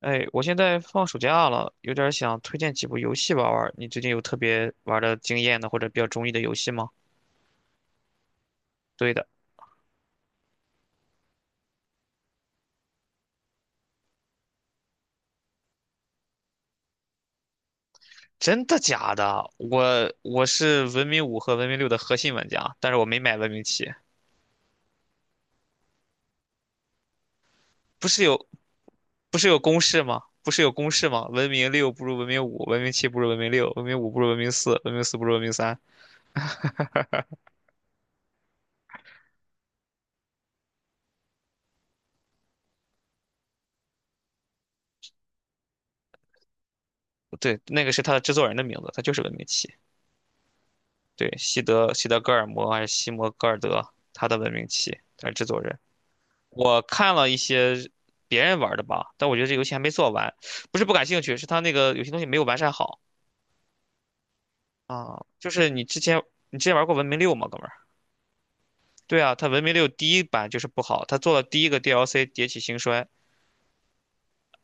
哎，我现在放暑假了，有点儿想推荐几部游戏玩儿玩儿。你最近有特别玩儿的经验的或者比较中意的游戏吗？对的。真的假的？我是文明五和文明六的核心玩家，但是我没买文明七。不是有不是有公式吗？不是有公式吗？文明六不如文明五，文明七不如文明六，文明五不如文明四，文明四不如文明三。对，那个是他的制作人的名字，他就是文明七。对，西德格尔摩还是西摩戈尔德，他的文明七，他是制作人。我看了一些别人玩的吧，但我觉得这游戏还没做完。不是不感兴趣，是他那个有些东西没有完善好啊。就是你之前玩过《文明六》吗，哥们儿？对啊，他《文明六》第一版就是不好，他做了第一个 DLC《迭起兴衰》。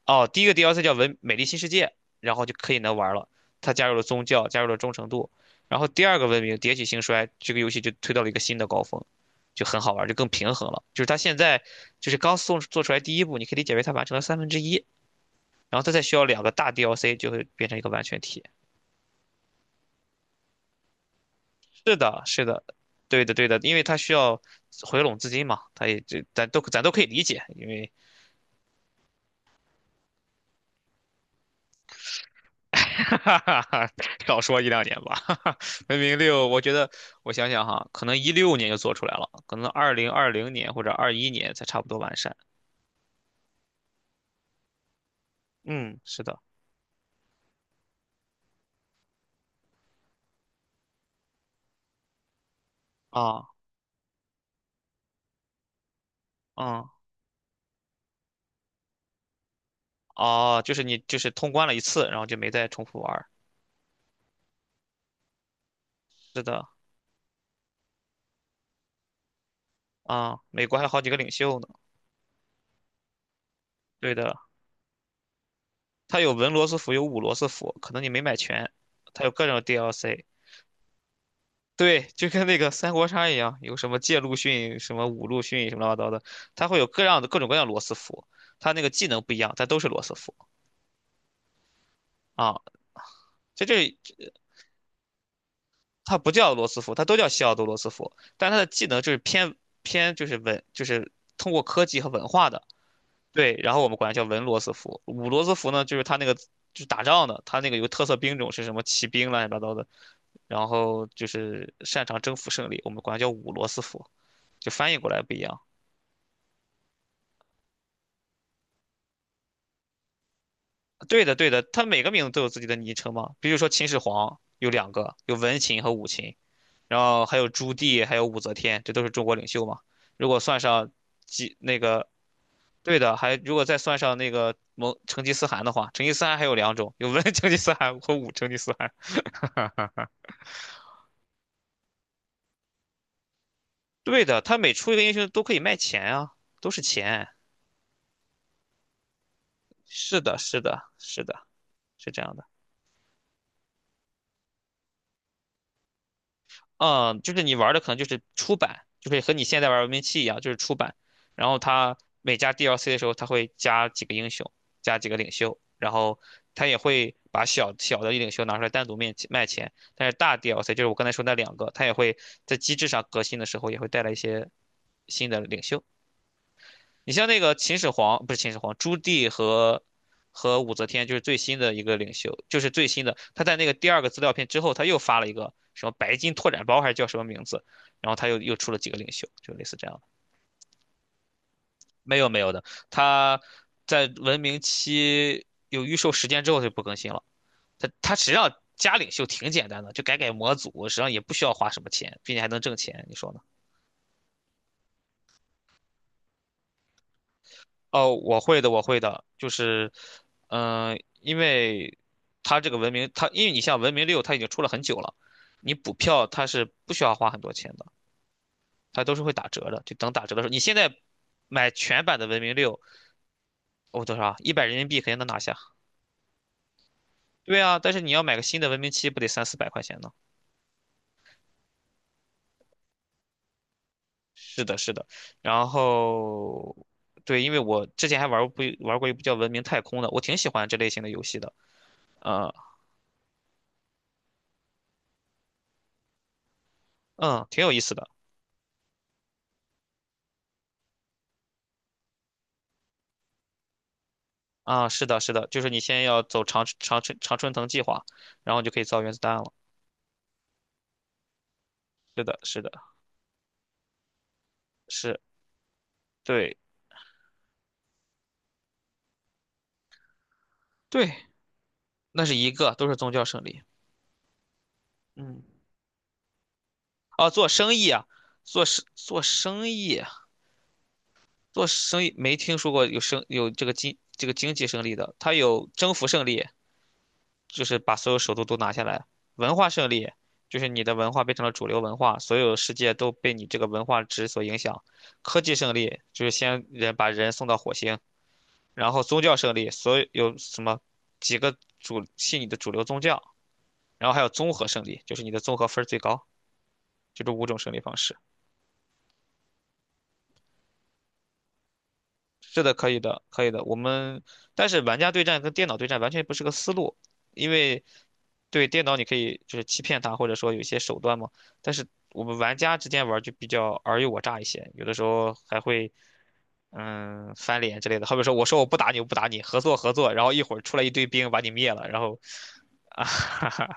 哦，第一个 DLC 叫《文美丽新世界》，然后就可以能玩了。他加入了宗教，加入了忠诚度，然后第二个文明《迭起兴衰》这个游戏就推到了一个新的高峰，就很好玩就更平衡了。就是他现在就是刚做出来第一步，你可以理解为他完成了1/3。然后它再需要两个大 DLC 就会变成一个完全体。是的，是的，对的，对的，因为它需要回笼资金嘛，它也这咱都咱都可以理解，因为 哈哈哈，少说一两年吧，哈哈，文明六，我觉得我想想哈，可能16年就做出来了，可能2020年或者21年才差不多完善。嗯，是的，啊，嗯，哦，就是你就是通关了一次，然后就没再重复玩儿。是的，啊，美国还有好几个领袖呢。对的，它有文罗斯福，有武罗斯福，可能你没买全，它有各种 DLC。对，就跟那个三国杀一样，有什么借陆逊、什么武陆逊、什么乱七八糟的，它会有各样的各种各样的罗斯福，它那个技能不一样，但都是罗斯福啊。这这它不叫罗斯福，它都叫西奥多罗斯福，但它的技能就是偏就是文，就是通过科技和文化的。对，然后我们管它叫文罗斯福，武罗斯福呢，就是它那个就是打仗的，它那个有个特色兵种是什么骑兵乱七八糟的。然后就是擅长征服胜利，我们管它叫五罗斯福，就翻译过来不一样。对的，对的，它每个名字都有自己的昵称嘛，比如说秦始皇有两个，有文秦和武秦，然后还有朱棣，还有武则天，这都是中国领袖嘛。如果算上几那个，对的，还如果再算上那个蒙成吉思汗的话，成吉思汗还有两种，有文 成吉思汗和武成吉思汗。对的，他每出一个英雄都可以卖钱啊，都是钱。是的，是的，是的，是这样的。嗯，就是你玩的可能就是出版，就是和你现在玩文明七一样，就是出版。然后它每加 DLC 的时候，它会加几个英雄，加几个领袖，然后它也会把小小的领袖拿出来单独面卖钱。但是大 DLC 就是我刚才说那两个，它也会在机制上革新的时候，也会带来一些新的领袖。你像那个秦始皇，不是秦始皇，朱棣和武则天，就是最新的一个领袖，就是最新的。他在那个第二个资料片之后，他又发了一个什么白金拓展包，还是叫什么名字？然后他又出了几个领袖，就类似这样的。没有没有的，他在文明期有预售时间之后就不更新了。他实际上加领袖挺简单的，就改改模组，实际上也不需要花什么钱，并且还能挣钱，你说呢？哦，我会的，我会的，就是，因为它这个文明，它因为你像文明六，它已经出了很久了，你补票它是不需要花很多钱的，它都是会打折的，就等打折的时候，你现在买全版的文明六，哦多少啊？100人民币肯定能拿下。对啊，但是你要买个新的文明七，不得三四百块钱呢？是的，是的。然后，对，因为我之前还玩过不玩过一部叫《文明太空》的，我挺喜欢这类型的游戏的，呃，嗯，挺有意思的。啊，是的，是的，就是你先要走长春藤计划，然后你就可以造原子弹了。是的，是的，是，对对，那是一个，都是宗教胜利。嗯，啊，做生意啊，做生意啊，做生意没听说过有生有这个经济胜利的，它有征服胜利，就是把所有首都都拿下来；文化胜利，就是你的文化变成了主流文化，所有世界都被你这个文化值所影响；科技胜利，就是先人把人送到火星。然后宗教胜利，所有有什么几个主信你的主流宗教，然后还有综合胜利，就是你的综合分儿最高，就这五种胜利方式。是的，可以的，可以的。我们但是玩家对战跟电脑对战完全不是个思路，因为对电脑你可以就是欺骗他，或者说有一些手段嘛。但是我们玩家之间玩就比较尔虞我诈一些，有的时候还会翻脸之类的。好比说我说我不打你，我不打你，合作合作，然后一会儿出来一堆兵把你灭了，然后啊。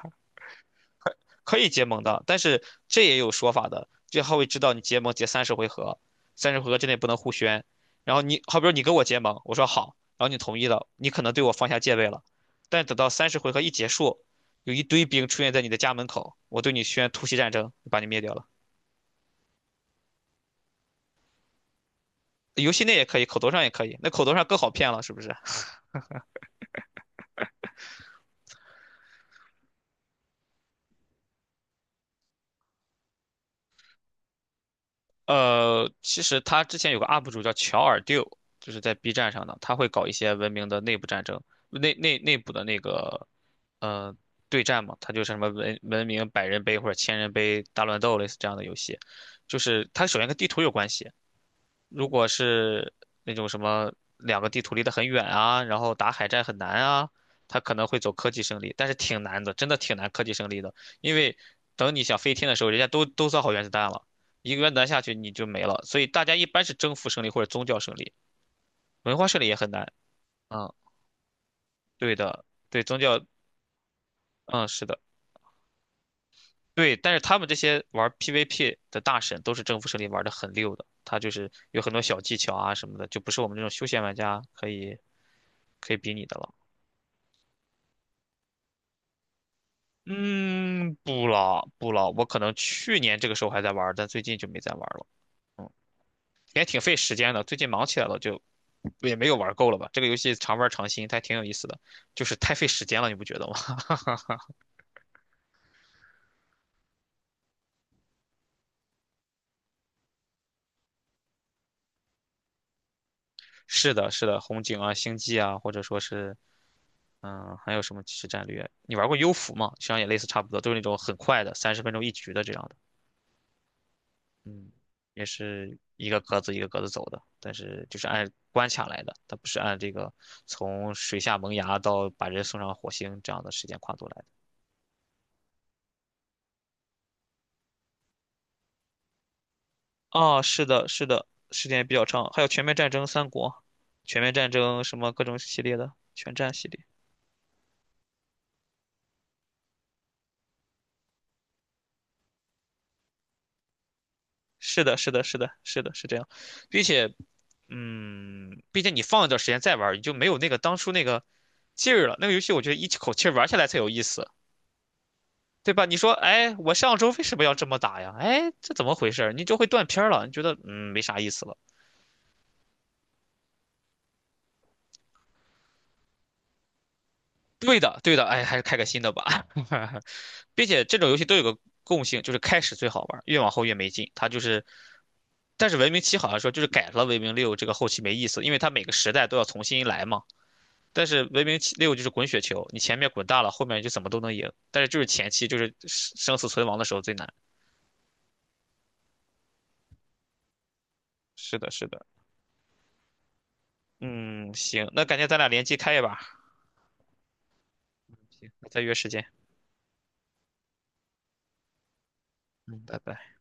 可可以结盟的，但是这也有说法的，他会知道你结盟结三十回合，三十回合之内不能互宣。然后你好比说你跟我结盟，我说好，然后你同意了，你可能对我放下戒备了，但等到三十回合一结束，有一堆兵出现在你的家门口，我对你宣突袭战争，把你灭掉了。游戏内也可以，口头上也可以，那口头上更好骗了，是不是？其实他之前有个 UP 主叫乔尔 d 就是在 B 站上的，他会搞一些文明的内部战争，内部的那个呃对战嘛，他就是什么文明百人杯或者千人杯大乱斗类似这样的游戏，就是它首先跟地图有关系，如果是那种什么两个地图离得很远啊，然后打海战很难啊，他可能会走科技胜利，但是挺难的，真的挺难科技胜利的，因为等你想飞天的时候，人家都造好原子弹了，一个原子弹下去你就没了，所以大家一般是征服胜利或者宗教胜利，文化胜利也很难。嗯，对的，对宗教，嗯，是的，对，但是他们这些玩 PVP 的大神都是征服胜利玩的很溜的，他就是有很多小技巧啊什么的，就不是我们这种休闲玩家可以比拟的了。嗯，不了不了，我可能去年这个时候还在玩儿，但最近就没再玩儿了。嗯，也挺费时间的，最近忙起来了，就也没有玩够了吧。这个游戏常玩儿常新，它还挺有意思的，就是太费时间了，你不觉得吗？是的，是的，红警啊、星际啊，或者说是还有什么即时战略？你玩过幽浮吗？实际上也类似差不多，都是那种很快的，30分钟一局的这样的。嗯，也是一个格子一个格子走的，但是就是按关卡来的，它不是按这个从水下萌芽到把人送上火星这样的时间跨度来的。啊，是的，是的，时间也比较长，还有全面战争三国、全面战争什么各种系列的全战系列。是的，是的，是的，是的，是这样，并且，毕竟你放一段时间再玩儿你就没有那个当初那个劲儿了。那个游戏我觉得一口气儿玩下来才有意思。对吧？你说，哎，我上周为什么要这么打呀？哎，这怎么回事儿？你就会断片儿了，你觉得没啥意思了。对的，对的，哎，还是开个新的吧。并且这种游戏都有个共性，就是开始最好玩越往后越没劲。它就是，但是文明七好像说就是改了文明六这个后期没意思，因为它每个时代都要重新来嘛。但是文明六就是滚雪球，你前面滚大了，后面就怎么都能赢。但是就是前期就是生死存亡的时候最难。是的，是的，嗯，行，那感觉咱俩联机开一把，再约时间。嗯，拜拜。